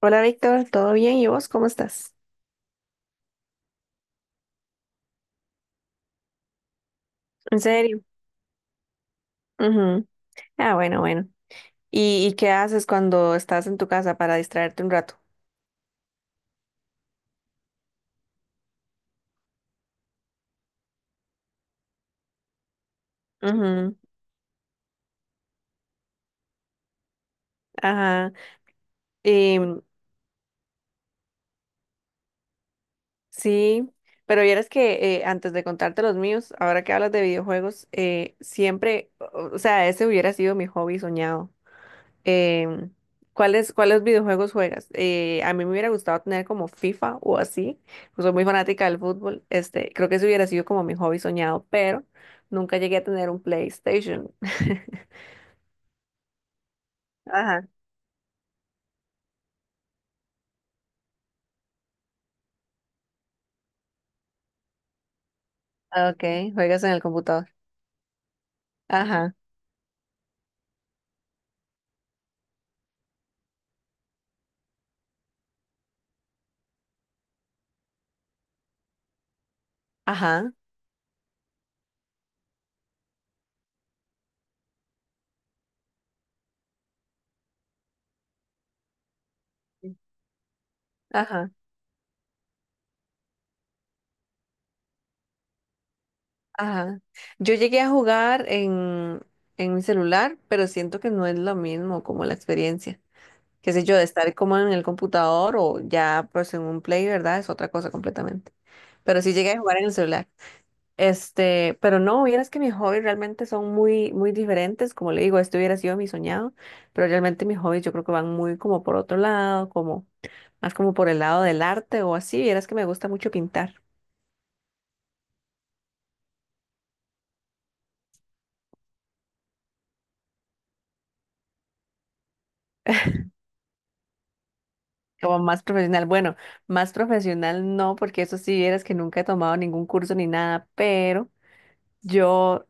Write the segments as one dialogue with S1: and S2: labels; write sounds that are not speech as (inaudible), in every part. S1: Hola Víctor, ¿todo bien? ¿Y vos cómo estás? ¿En serio? Ujú. Ah, bueno, bueno. ¿Y qué haces cuando estás en tu casa para distraerte un rato? Ujú. Ajá. Em, sí, pero vieras que antes de contarte los míos, ahora que hablas de videojuegos, siempre, o sea, ese hubiera sido mi hobby soñado. Em, ¿Cuáles videojuegos juegas? A mí me hubiera gustado tener como FIFA o así, pues soy muy fanática del fútbol, este, creo que eso hubiera sido como mi hobby soñado, pero nunca llegué a tener un PlayStation. (laughs) Ajá, okay, juegas en el computador. Ajá, ajá, ajá, ajá. Yo llegué a jugar en mi celular, pero siento que no es lo mismo como la experiencia. Qué sé yo, de estar como en el computador o ya pues en un play, ¿verdad? Es otra cosa completamente. Pero sí llegué a jugar en el celular. Este, pero no, vieras que mis hobbies realmente son muy, muy diferentes. Como le digo, esto hubiera sido mi soñado, pero realmente mis hobbies yo creo que van muy como por otro lado, como más como por el lado del arte o así. Vieras que me gusta mucho pintar, como más profesional. Bueno, más profesional no, porque eso sí, vieras que nunca he tomado ningún curso ni nada, pero yo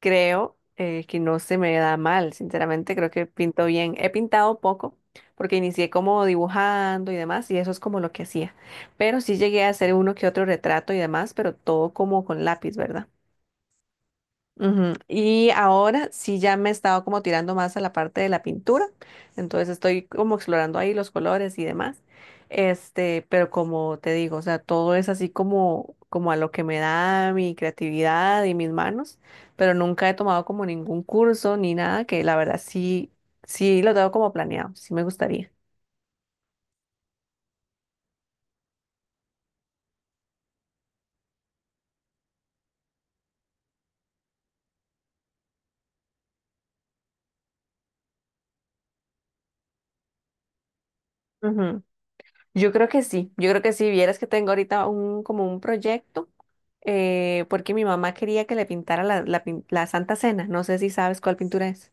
S1: creo que no se me da mal, sinceramente, creo que pinto bien. He pintado poco porque inicié como dibujando y demás y eso es como lo que hacía. Pero sí llegué a hacer uno que otro retrato y demás, pero todo como con lápiz, ¿verdad? Ujú. Y ahora sí ya me he estado como tirando más a la parte de la pintura, entonces estoy como explorando ahí los colores y demás. Este, pero como te digo, o sea, todo es así como a lo que me da mi creatividad y mis manos, pero nunca he tomado como ningún curso ni nada que la verdad sí lo tengo como planeado, sí me gustaría. Yo creo que sí, yo creo que sí, vieras que tengo ahorita un, como un proyecto, porque mi mamá quería que le pintara la Santa Cena, no sé si sabes cuál pintura es.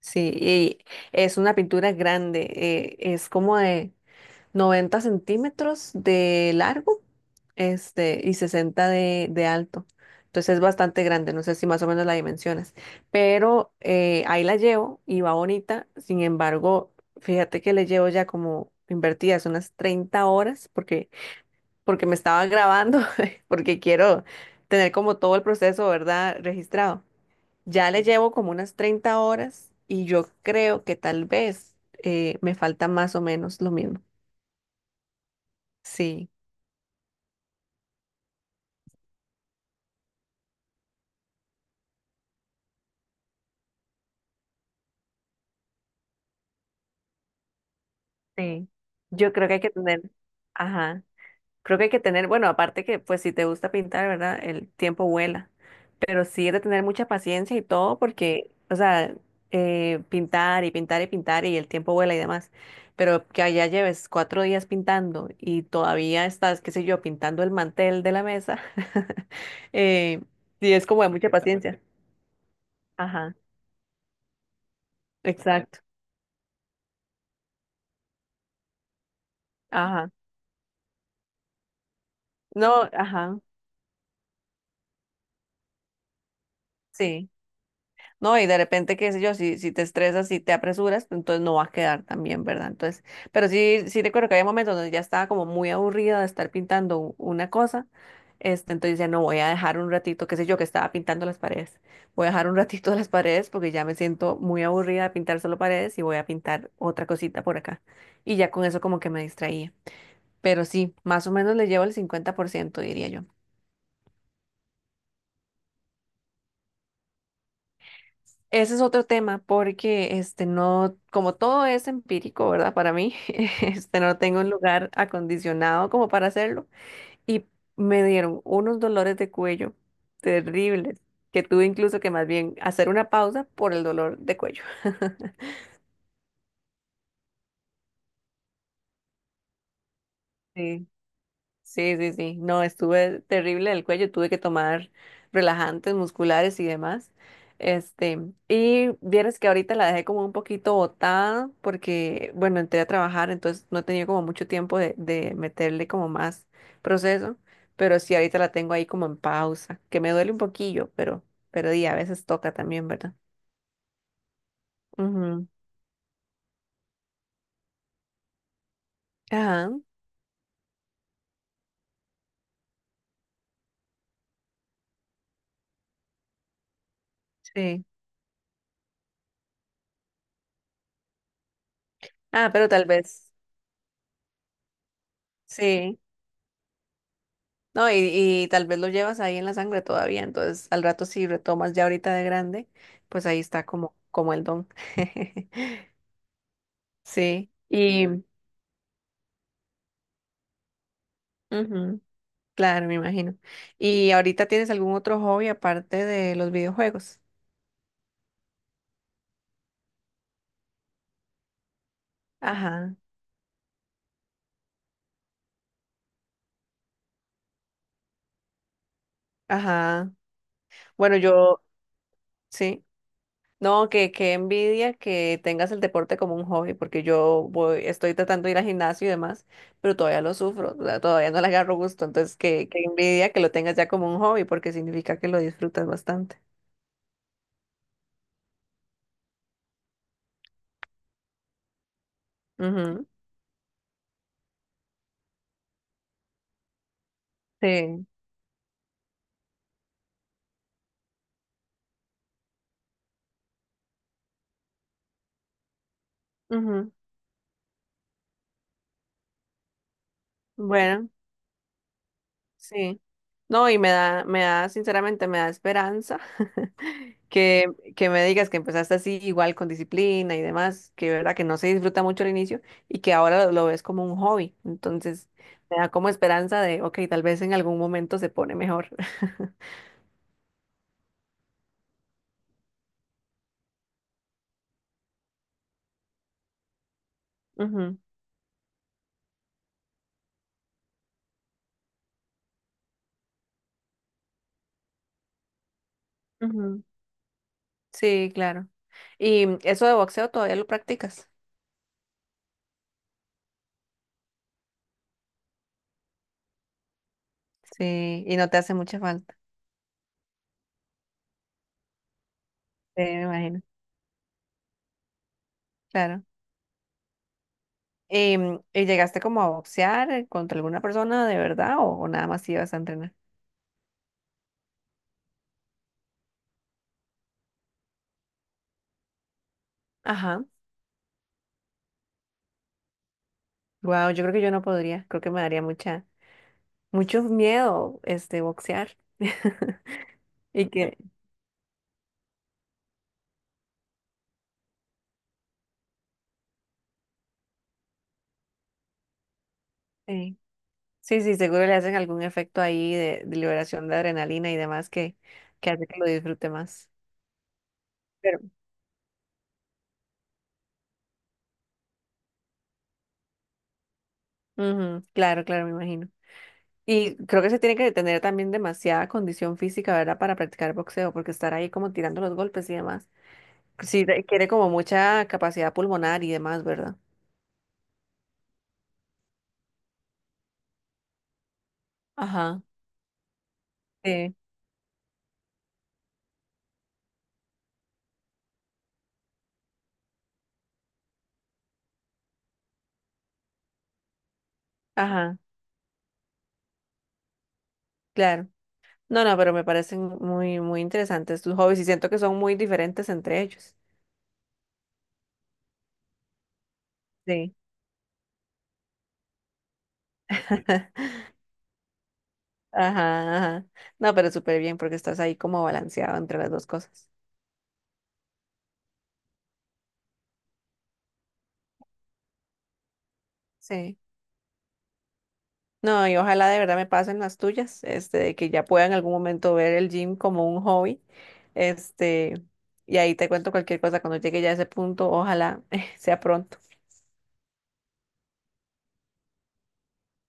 S1: Sí, y es una pintura grande, es como 90 centímetros de largo, este, y 60 de alto. Entonces es bastante grande, no sé si más o menos la dimensionas, pero ahí la llevo y va bonita. Sin embargo, fíjate que le llevo ya como invertidas unas 30 horas porque, porque me estaba grabando, (laughs) porque quiero tener como todo el proceso, ¿verdad? Registrado. Ya le llevo como unas 30 horas y yo creo que tal vez me falta más o menos lo mismo. Sí. Sí, yo creo que hay que tener, ajá, creo que hay que tener, bueno, aparte que pues si te gusta pintar, ¿verdad? El tiempo vuela, pero sí es de tener mucha paciencia y todo porque, o sea, pintar y pintar y pintar y el tiempo vuela y demás, pero que allá lleves 4 días pintando y todavía estás, qué sé yo, pintando el mantel de la mesa, (laughs) eh, sí es como de mucha paciencia. Ajá, exacto, ajá, no, ajá, sí. ¿No? Y de repente, qué sé yo, si te estresas, si te apresuras, pues entonces no va a quedar tan bien, ¿verdad? Entonces, pero sí, sí recuerdo que había momentos donde ya estaba como muy aburrida de estar pintando una cosa, este, entonces ya no voy a dejar un ratito, qué sé yo, que estaba pintando las paredes, voy a dejar un (laughs) ratito las paredes porque ya me siento muy aburrida de pintar solo paredes y voy a pintar otra cosita por acá. Y ya con eso como que me distraía. Pero sí, más o menos le llevo el 50% diría yo. Ese es otro tema porque este no, como todo es empírico, ¿verdad? Para mí, (laughs) este no tengo un lugar acondicionado como para hacerlo y me dieron unos dolores de cuello terribles que tuve incluso que más bien hacer una pausa por el dolor de cuello. (laughs) Sí. Sí, sí, sí. No, estuve terrible del cuello, tuve que tomar relajantes musculares y demás. Este, y vieras que ahorita la dejé como un poquito botada porque, bueno, entré a trabajar, entonces no he tenido como mucho tiempo de meterle como más proceso, pero sí ahorita la tengo ahí como en pausa, que me duele un poquillo, pero di, a veces toca también, ¿verdad? Ujú. Ajá, sí. Ah, pero tal vez, sí. No, y tal vez lo llevas ahí en la sangre todavía, entonces al rato si retomas ya ahorita de grande, pues ahí está como el don. (laughs) Sí, y ujú, claro, me imagino. ¿Y ahorita tienes algún otro hobby aparte de los videojuegos? Ajá, ajá. Bueno, yo, sí. No, que envidia que tengas el deporte como un hobby, porque yo voy, estoy tratando de ir al gimnasio y demás, pero todavía lo sufro, o sea, todavía no le agarro gusto, entonces que envidia que lo tengas ya como un hobby, porque significa que lo disfrutas bastante. Ujú. Sí. Ujú. Bueno, sí. No, y sinceramente, me da esperanza que, que me digas que empezaste así igual con disciplina y demás, que verdad que no se disfruta mucho al inicio y que ahora lo ves como un hobby. Entonces, me da como esperanza de, ok, tal vez en algún momento se pone mejor. (laughs) Ujú, ujú. Sí, claro. ¿Y eso de boxeo todavía lo practicas? Sí, y no te hace mucha falta. Sí, me imagino, claro. ¿Y llegaste como a boxear contra alguna persona de verdad o nada más ibas a entrenar? Ajá. Wow, yo creo que yo no podría, creo que me daría mucha... mucho miedo este boxear. (laughs) Y que sí, sí, sí, seguro le hacen algún efecto ahí de liberación de adrenalina y demás que hace que lo disfrute más. Pero, ujú, claro, claro, me imagino. Y creo que se tiene que tener también demasiada condición física, ¿verdad? Para practicar boxeo, porque estar ahí como tirando los golpes y demás. Pues sí, requiere como mucha capacidad pulmonar y demás, ¿verdad? Ajá, sí, ajá, claro. No, no, pero me parecen muy, muy interesantes tus hobbies y siento que son muy diferentes entre ellos. Sí. (laughs) Ajá, ajá. No, pero súper bien porque estás ahí como balanceado entre las dos cosas. Sí. No, y ojalá de verdad me pasen las tuyas, este, de que ya pueda en algún momento ver el gym como un hobby. Este, y ahí te cuento cualquier cosa cuando llegue ya a ese punto, ojalá (laughs) sea pronto.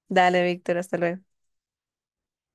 S1: Dale, Víctor, hasta luego.